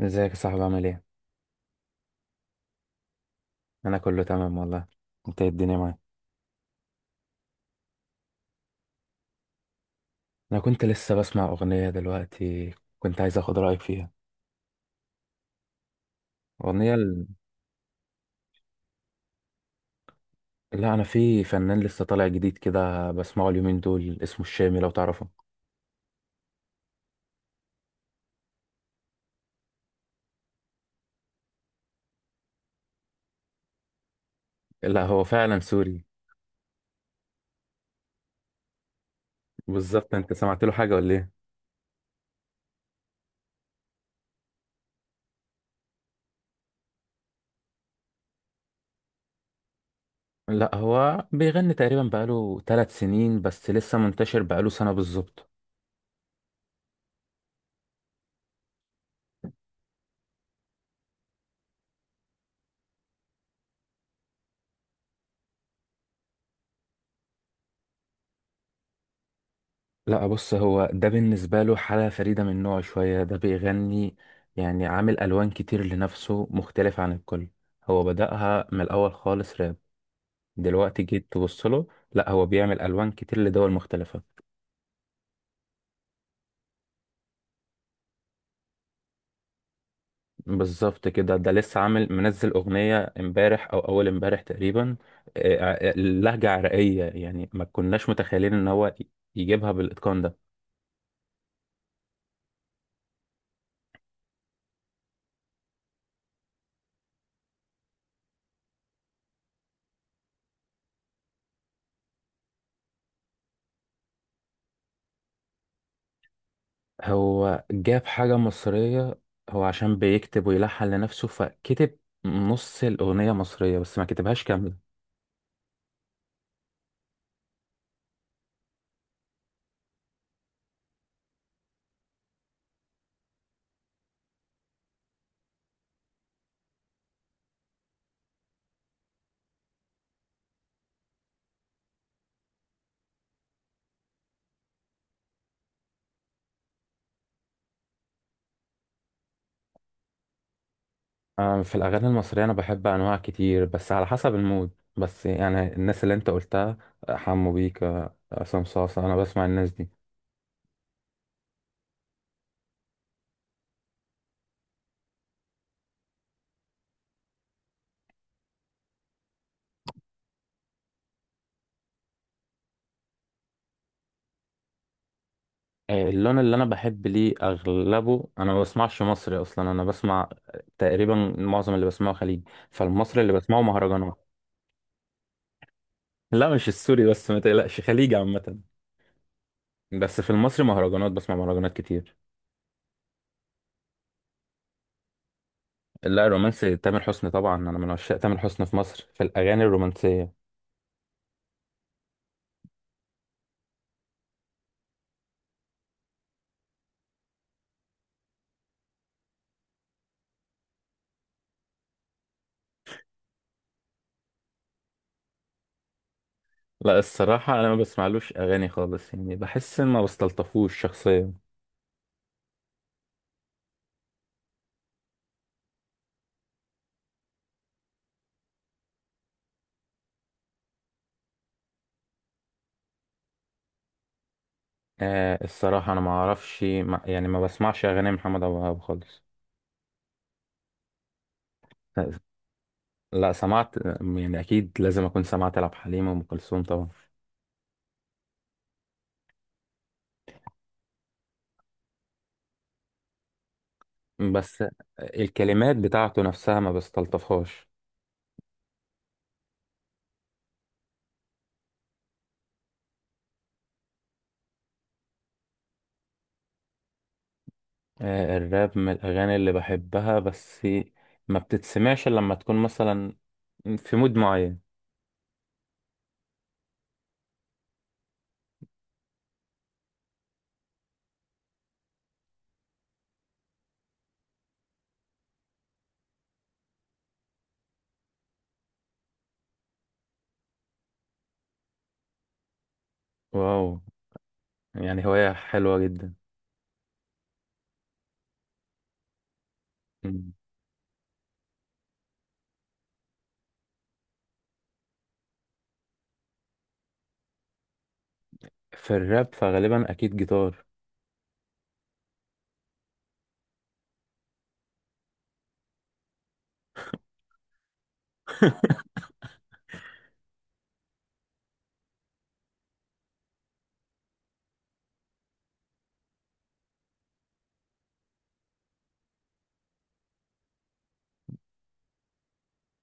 ازيك يا صاحبي؟ عامل ايه؟ انا كله تمام والله. انت ايه الدنيا معاك؟ انا كنت لسه بسمع اغنية دلوقتي، كنت عايز اخد رأيك فيها. اغنية لا انا في فنان لسه طالع جديد كده بسمعه اليومين دول، اسمه الشامي لو تعرفه. لا هو فعلا سوري. بالظبط. انت سمعت له حاجة ولا ايه؟ لا هو بيغني تقريبا بقاله 3 سنين، بس لسه منتشر بقاله سنة بالظبط. لا بص، هو ده بالنسبة له حالة فريدة من نوعه شوية. ده بيغني، يعني عامل ألوان كتير لنفسه مختلف عن الكل. هو بدأها من الأول خالص راب، دلوقتي جيت تبص له، لا هو بيعمل ألوان كتير لدول مختلفة. بالظبط كده. ده لسه عامل منزل أغنية امبارح أو أول امبارح تقريبا. آه، لهجة عراقية، يعني ما كناش متخيلين إن هو يجيبها بالإتقان ده. هو جاب حاجة مصرية. هو عشان بيكتب ويلحن لنفسه، فكتب نص الأغنية مصرية بس ما كتبهاش كاملة. في الأغاني المصرية أنا بحب أنواع كتير بس على حسب المود. بس يعني الناس اللي أنت قلتها، حمو بيكا، عصام صاصا، أنا بسمع الناس دي. اللون اللي أنا بحب ليه أغلبه، أنا ما بسمعش مصري أصلا. أنا بسمع تقريبا معظم اللي بسمعه خليجي، فالمصري اللي بسمعه مهرجانات. لا مش السوري بس، ما تقلقش، خليجي عامة. بس في المصري مهرجانات، بسمع مهرجانات كتير. لا رومانسي تامر حسني طبعا، انا من عشاق تامر حسني في مصر في الاغاني الرومانسيه. لا الصراحه انا ما بسمعلوش اغاني خالص، يعني بحس ان ما بستلطفوش شخصيا. آه، الصراحه انا ما اعرفش، ما يعني ما بسمعش اغاني محمد ابو وهاب خالص. لا سمعت يعني، اكيد لازم اكون سمعت لعبد الحليم وام كلثوم طبعا. بس الكلمات بتاعته نفسها ما بستلطفهاش. الراب من الأغاني اللي بحبها، بس ما بتتسمعش إلا لما تكون مثلا في مود معين. واو، يعني هواية حلوة جدا. مم. في الراب فغالبا أكيد جيتار.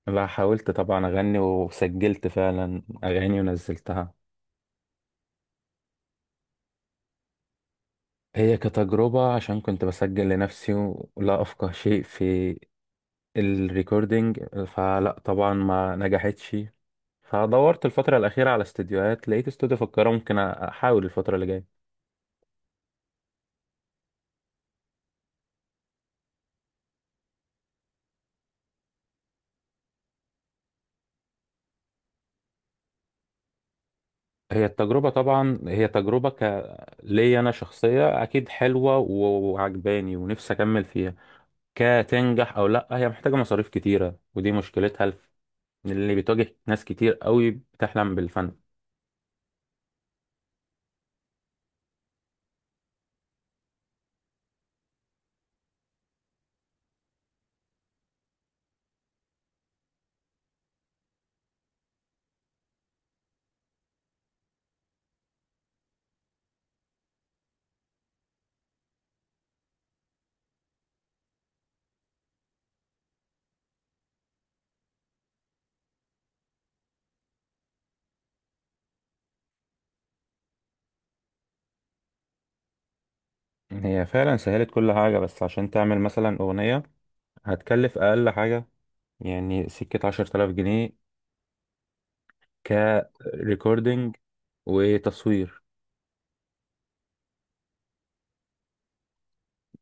بقى حاولت طبعا أغني، وسجلت فعلا أغاني ونزلتها. هي كتجربة، عشان كنت بسجل لنفسي ولا أفقه شيء في الريكوردينج، فلا طبعا ما نجحتش. فدورت الفترة الأخيرة على استديوهات، لقيت استوديو في القاهرة ممكن أحاول الفترة اللي جاية. هي التجربة طبعا، هي تجربة ليا أنا شخصية، أكيد حلوة وعجباني ونفسي أكمل فيها. كتنجح أو لأ، هي محتاجة مصاريف كتيرة، ودي مشكلتها اللي بتواجه ناس كتير قوي بتحلم بالفن. هي فعلا سهلت كل حاجة، بس عشان تعمل مثلا أغنية، هتكلف أقل حاجة يعني سكة 10 آلاف جنيه. كريكوردينج وتصوير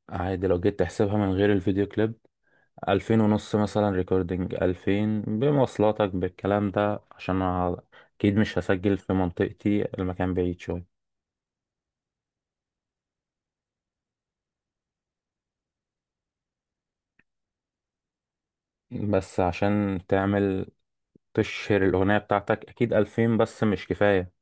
عادي، لو جيت تحسبها من غير الفيديو كليب، 2500 مثلا ريكوردينج، 2000 بمواصلاتك بالكلام ده عشان أنا أكيد مش هسجل في منطقتي، المكان بعيد شوية. بس عشان تعمل تشهر الأغنية بتاعتك أكيد ألفين بس مش كفاية.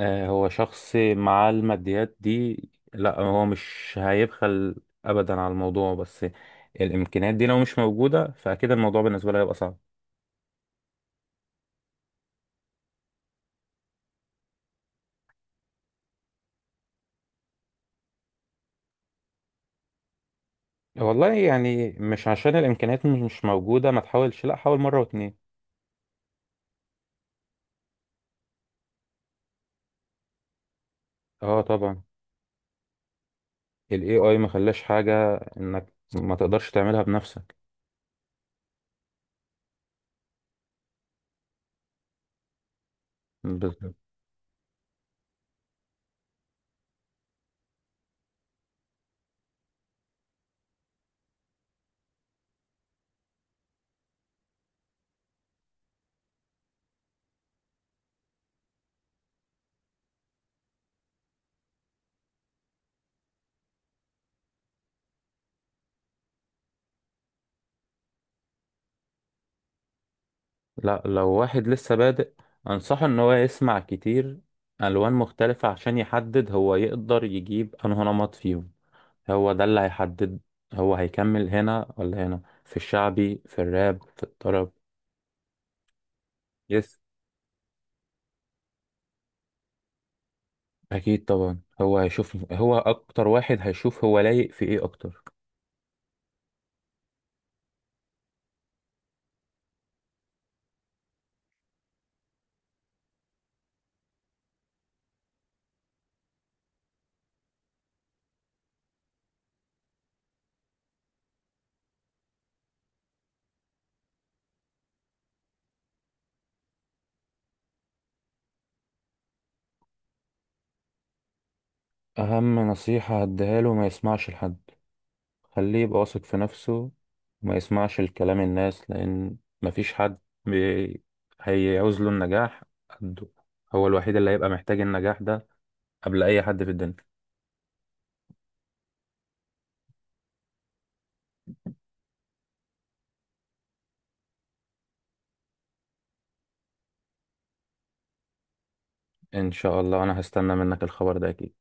هو شخص مع الماديات دي، لا هو مش هيبخل أبدا على الموضوع، بس الإمكانيات دي لو مش موجودة فأكيد الموضوع بالنسبة له هيبقى صعب. والله يعني مش عشان الإمكانيات مش موجودة ما تحاولش، لا حاول مرة واتنين. اه طبعا، ال AI ما خلاش حاجة انك ما تقدرش تعملها بنفسك. بالظبط. لا لو واحد لسه بادئ، انصحه ان هو يسمع كتير الوان مختلفة عشان يحدد هو يقدر يجيب انه نمط فيهم. هو ده اللي هيحدد هو هيكمل هنا ولا هنا، في الشعبي في الراب في الطرب. يس. اكيد طبعا، هو هيشوف، هو اكتر واحد هيشوف هو لايق في ايه اكتر. اهم نصيحة هديها له، ما يسمعش لحد، خليه يبقى واثق في نفسه وما يسمعش الكلام الناس، لأن مفيش حد بي... هيعوز له النجاح قده. هو الوحيد اللي هيبقى محتاج النجاح ده قبل أي حد في الدنيا. إن شاء الله، أنا هستنى منك الخبر ده أكيد.